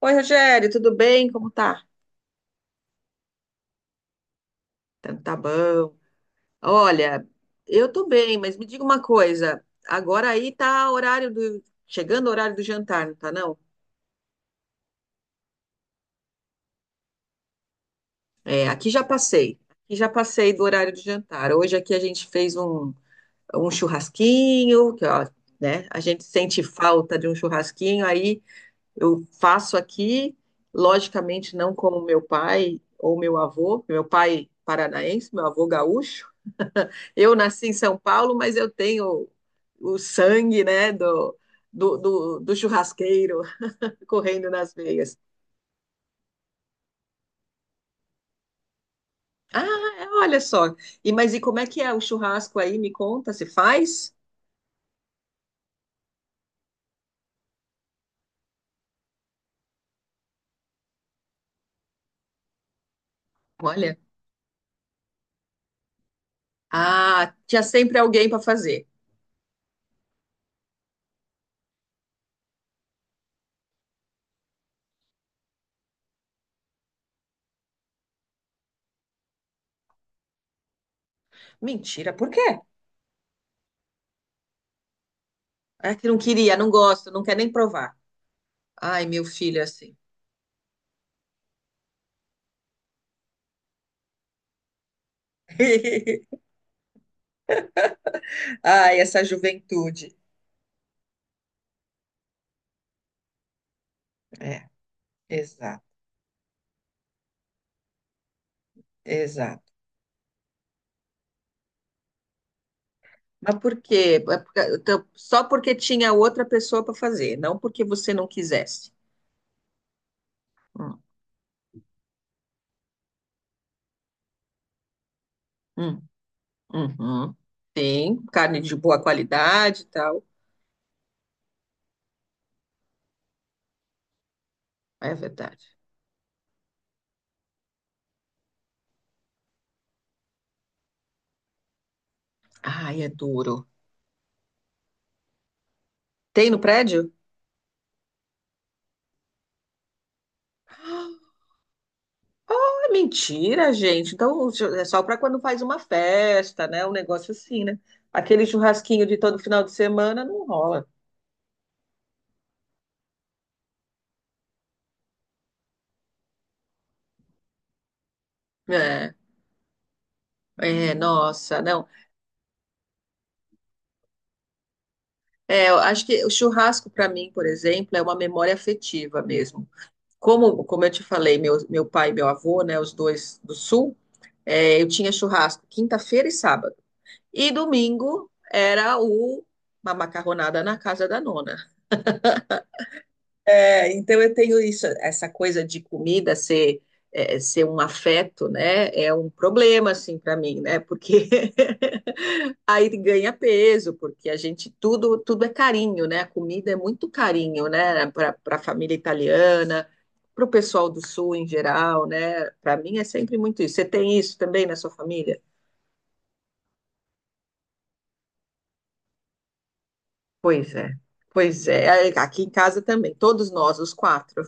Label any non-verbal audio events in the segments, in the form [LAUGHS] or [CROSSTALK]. Oi, Rogério, tudo bem? Como tá? Tá bom. Olha, eu tô bem, mas me diga uma coisa. Agora aí tá horário do... Chegando o horário do jantar, não tá não? É, aqui já passei. Aqui já passei do horário do jantar. Hoje aqui a gente fez um churrasquinho, que ó, né? A gente sente falta de um churrasquinho, aí eu faço aqui, logicamente não como meu pai ou meu avô, meu pai paranaense, meu avô gaúcho. Eu nasci em São Paulo, mas eu tenho o sangue, né, do churrasqueiro [LAUGHS] correndo nas veias. Ah, é, olha só. E mas e como é que é o churrasco aí? Me conta, se faz? Olha. Ah, tinha sempre alguém para fazer. Mentira, por quê? É que não queria, não gosto, não quer nem provar. Ai, meu filho, assim. [LAUGHS] Ai, essa juventude. É, exato, exato. Mas por quê? É porque- então, só porque tinha outra pessoa para fazer, não porque você não quisesse. Hum, hum, uhum. Tem carne de boa qualidade e tal. É verdade. Ai, é duro. Tem no prédio? Ah, é mentira, gente. Então é só para quando faz uma festa, né? Um negócio assim, né? Aquele churrasquinho de todo final de semana não rola. É, é, nossa, não. É, eu acho que o churrasco para mim, por exemplo, é uma memória afetiva mesmo. Como, como eu te falei, meu pai e meu avô, né, os dois do sul, é, eu tinha churrasco quinta-feira e sábado. E domingo era o, uma macarronada na casa da nona. É, então eu tenho isso, essa coisa de comida ser é, ser um afeto, né? É um problema assim para mim, né? Porque [LAUGHS] aí ganha peso, porque a gente tudo é carinho, né? A comida é muito carinho, né? Para a família italiana, para o pessoal do sul em geral, né? Para mim é sempre muito isso. Você tem isso também na sua família? Pois é, pois é. Aqui em casa também, todos nós, os quatro.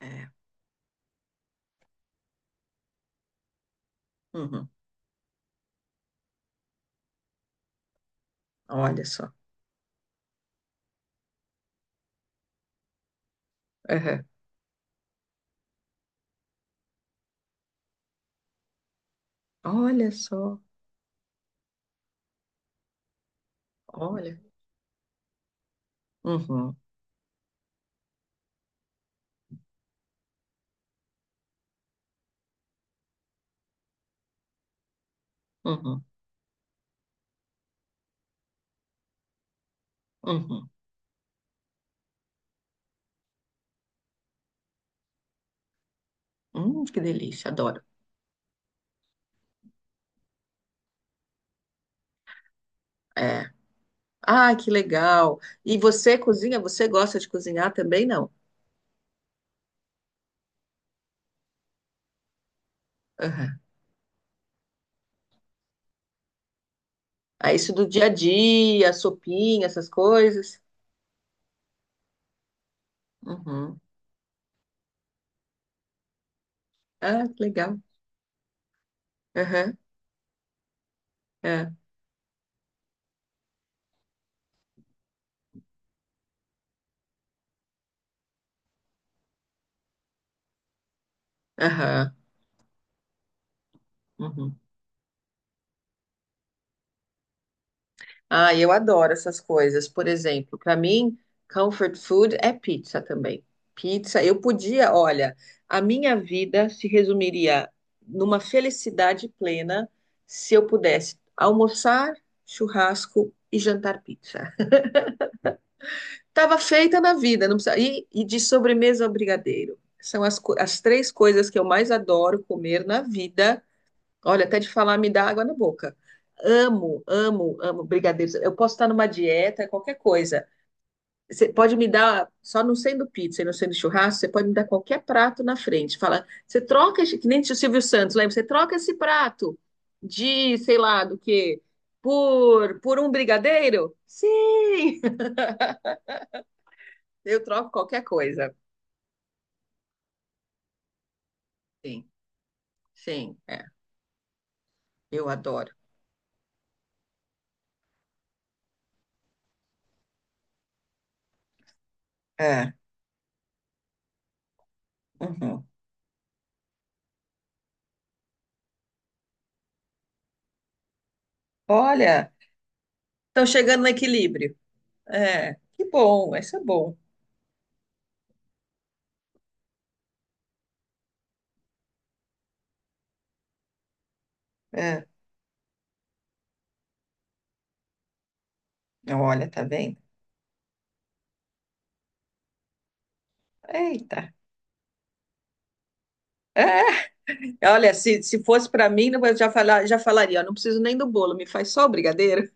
É. Uhum. Olha só. Uhum. Olha só. Olha. Uhum, uhum, uhum. Que delícia, adoro. É. Ai, que legal. E você cozinha? Você gosta de cozinhar também, não? Uhum. É isso do dia a dia, sopinha, essas coisas? Uhum. Ah, que legal. Aham, é. Aham, uhum. Ah, eu adoro essas coisas. Por exemplo, para mim, comfort food é pizza também. Pizza, eu podia, olha, a minha vida se resumiria numa felicidade plena se eu pudesse almoçar, churrasco e jantar pizza. Tava feita na vida, não precisa. E de sobremesa ao brigadeiro. São as, co- as três coisas que eu mais adoro comer na vida. Olha, até de falar me dá água na boca. Amo, amo, amo brigadeiros. Eu posso estar numa dieta, qualquer coisa. Você pode me dar, só não sendo pizza e não sendo churrasco, você pode me dar qualquer prato na frente. Fala, você troca, esse- que nem o Silvio Santos, lembra? Você troca esse prato de, sei lá, do quê? Por um brigadeiro? Sim! [LAUGHS] Eu troco qualquer coisa. Sim, sim, é. Eu adoro. É. Uhum. Olha, estão chegando no equilíbrio. É, que bom, isso é bom. É, olha, tá vendo? Eita. É, olha, se fosse para mim, eu já, falar, já falaria, ó, não preciso nem do bolo, me faz só o brigadeiro.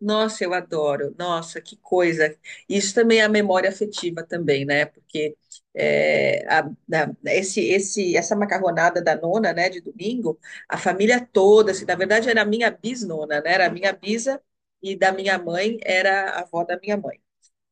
Nossa, eu adoro. Nossa, que coisa. Isso também é a memória afetiva também, né? Porque é, a- da- essa macarronada da nona, né, de domingo, a família toda, assim, na verdade era a minha bisnona, né? Era a minha bisa e da minha mãe era a avó da minha mãe.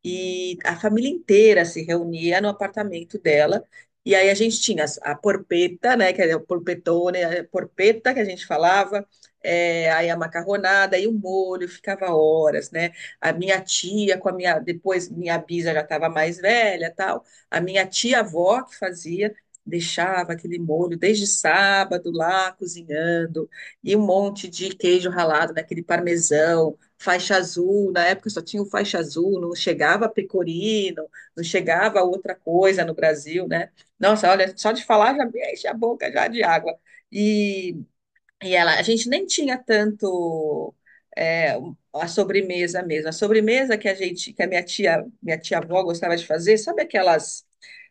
E a família inteira se reunia no apartamento dela. E aí a gente tinha as- a porpeta, né, que é o porpetone, a porpeta que a gente falava, é, aí a macarronada e o molho, ficava horas, né? A minha tia com a minha, depois minha bisa já estava mais velha, tal. A minha tia-avó que fazia, deixava aquele molho desde sábado lá cozinhando, e um monte de queijo ralado, naquele parmesão, faixa azul, na época só tinha o faixa azul, não chegava pecorino, não chegava outra coisa no Brasil, né? Nossa, olha, só de falar já me enche a boca já de água. E, e ela, a gente nem tinha tanto é, a sobremesa mesmo. A sobremesa que a gente, que a minha tia, minha tia-avó gostava de fazer, sabe aquelas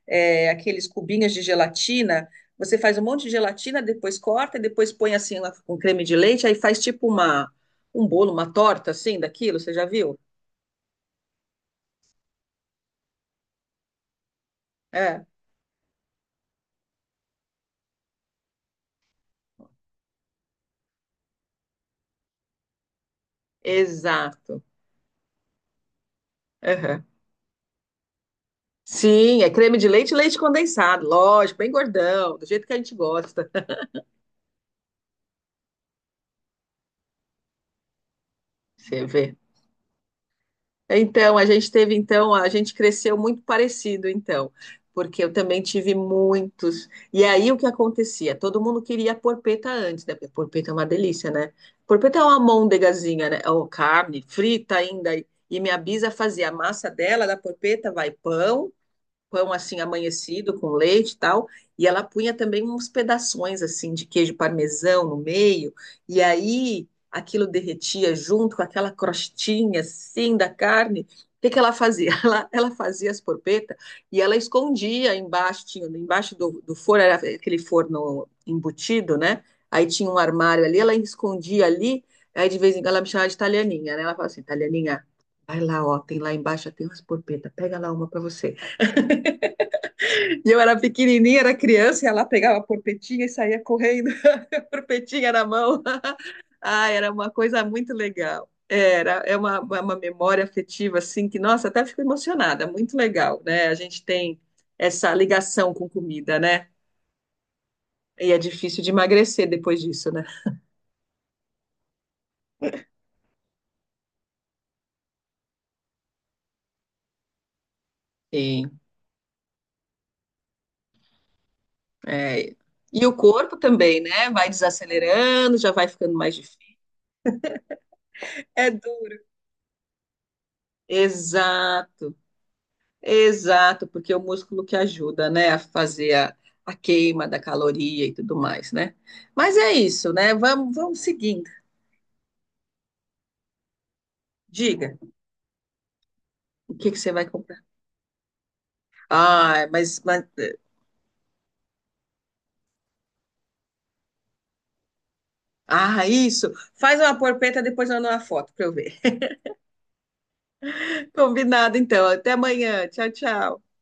é, aqueles cubinhos de gelatina. Você faz um monte de gelatina, depois corta, e depois põe assim lá com creme de leite, aí faz tipo uma, um bolo, uma torta assim daquilo, você já viu? É, exato. Aham. Sim, é creme de leite e leite condensado, lógico, bem gordão, do jeito que a gente gosta. Você vê. Então, a gente teve, então, a gente cresceu muito parecido, então, porque eu também tive muitos. E aí o que acontecia? Todo mundo queria porpeta antes, né? Porque porpeta é uma delícia, né? Porpeta é uma almôndegazinha, né? Ou carne frita ainda. E minha bisa fazia a massa dela, da porpeta vai pão, pão assim amanhecido com leite e tal, e ela punha também uns pedaços assim de queijo parmesão no meio, e aí aquilo derretia junto com aquela crostinha assim da carne. O que que ela fazia? [LAUGHS] Ela fazia as porpetas e ela escondia embaixo, tinha embaixo do forno, era aquele forno embutido, né? Aí tinha um armário ali, ela escondia ali, aí de vez em quando ela me chamava de italianinha, né? Ela falava assim, italianinha, vai lá, ó, tem lá embaixo, tem umas porpetas, pega lá uma para você. E eu era pequenininha, era criança, e ela pegava a porpetinha e saía correndo, [LAUGHS] a porpetinha na mão. [LAUGHS] Ah, era uma coisa muito legal. Era, é uma, uma memória afetiva, assim, que, nossa, até fico emocionada, muito legal, né? A gente tem essa ligação com comida, né? E é difícil de emagrecer depois disso, né? Sim, é. E o corpo também, né? Vai desacelerando, já vai ficando mais difícil. É duro. Exato. Exato, porque é o músculo que ajuda, né, a fazer a queima da caloria e tudo mais, né? Mas é isso, né? Vamos, vamos seguindo. Diga, o que que você vai comprar? Ah, mas- ah, isso. Faz uma porpeta depois manda uma foto para eu ver. [LAUGHS] Combinado, então. Até amanhã. Tchau, tchau.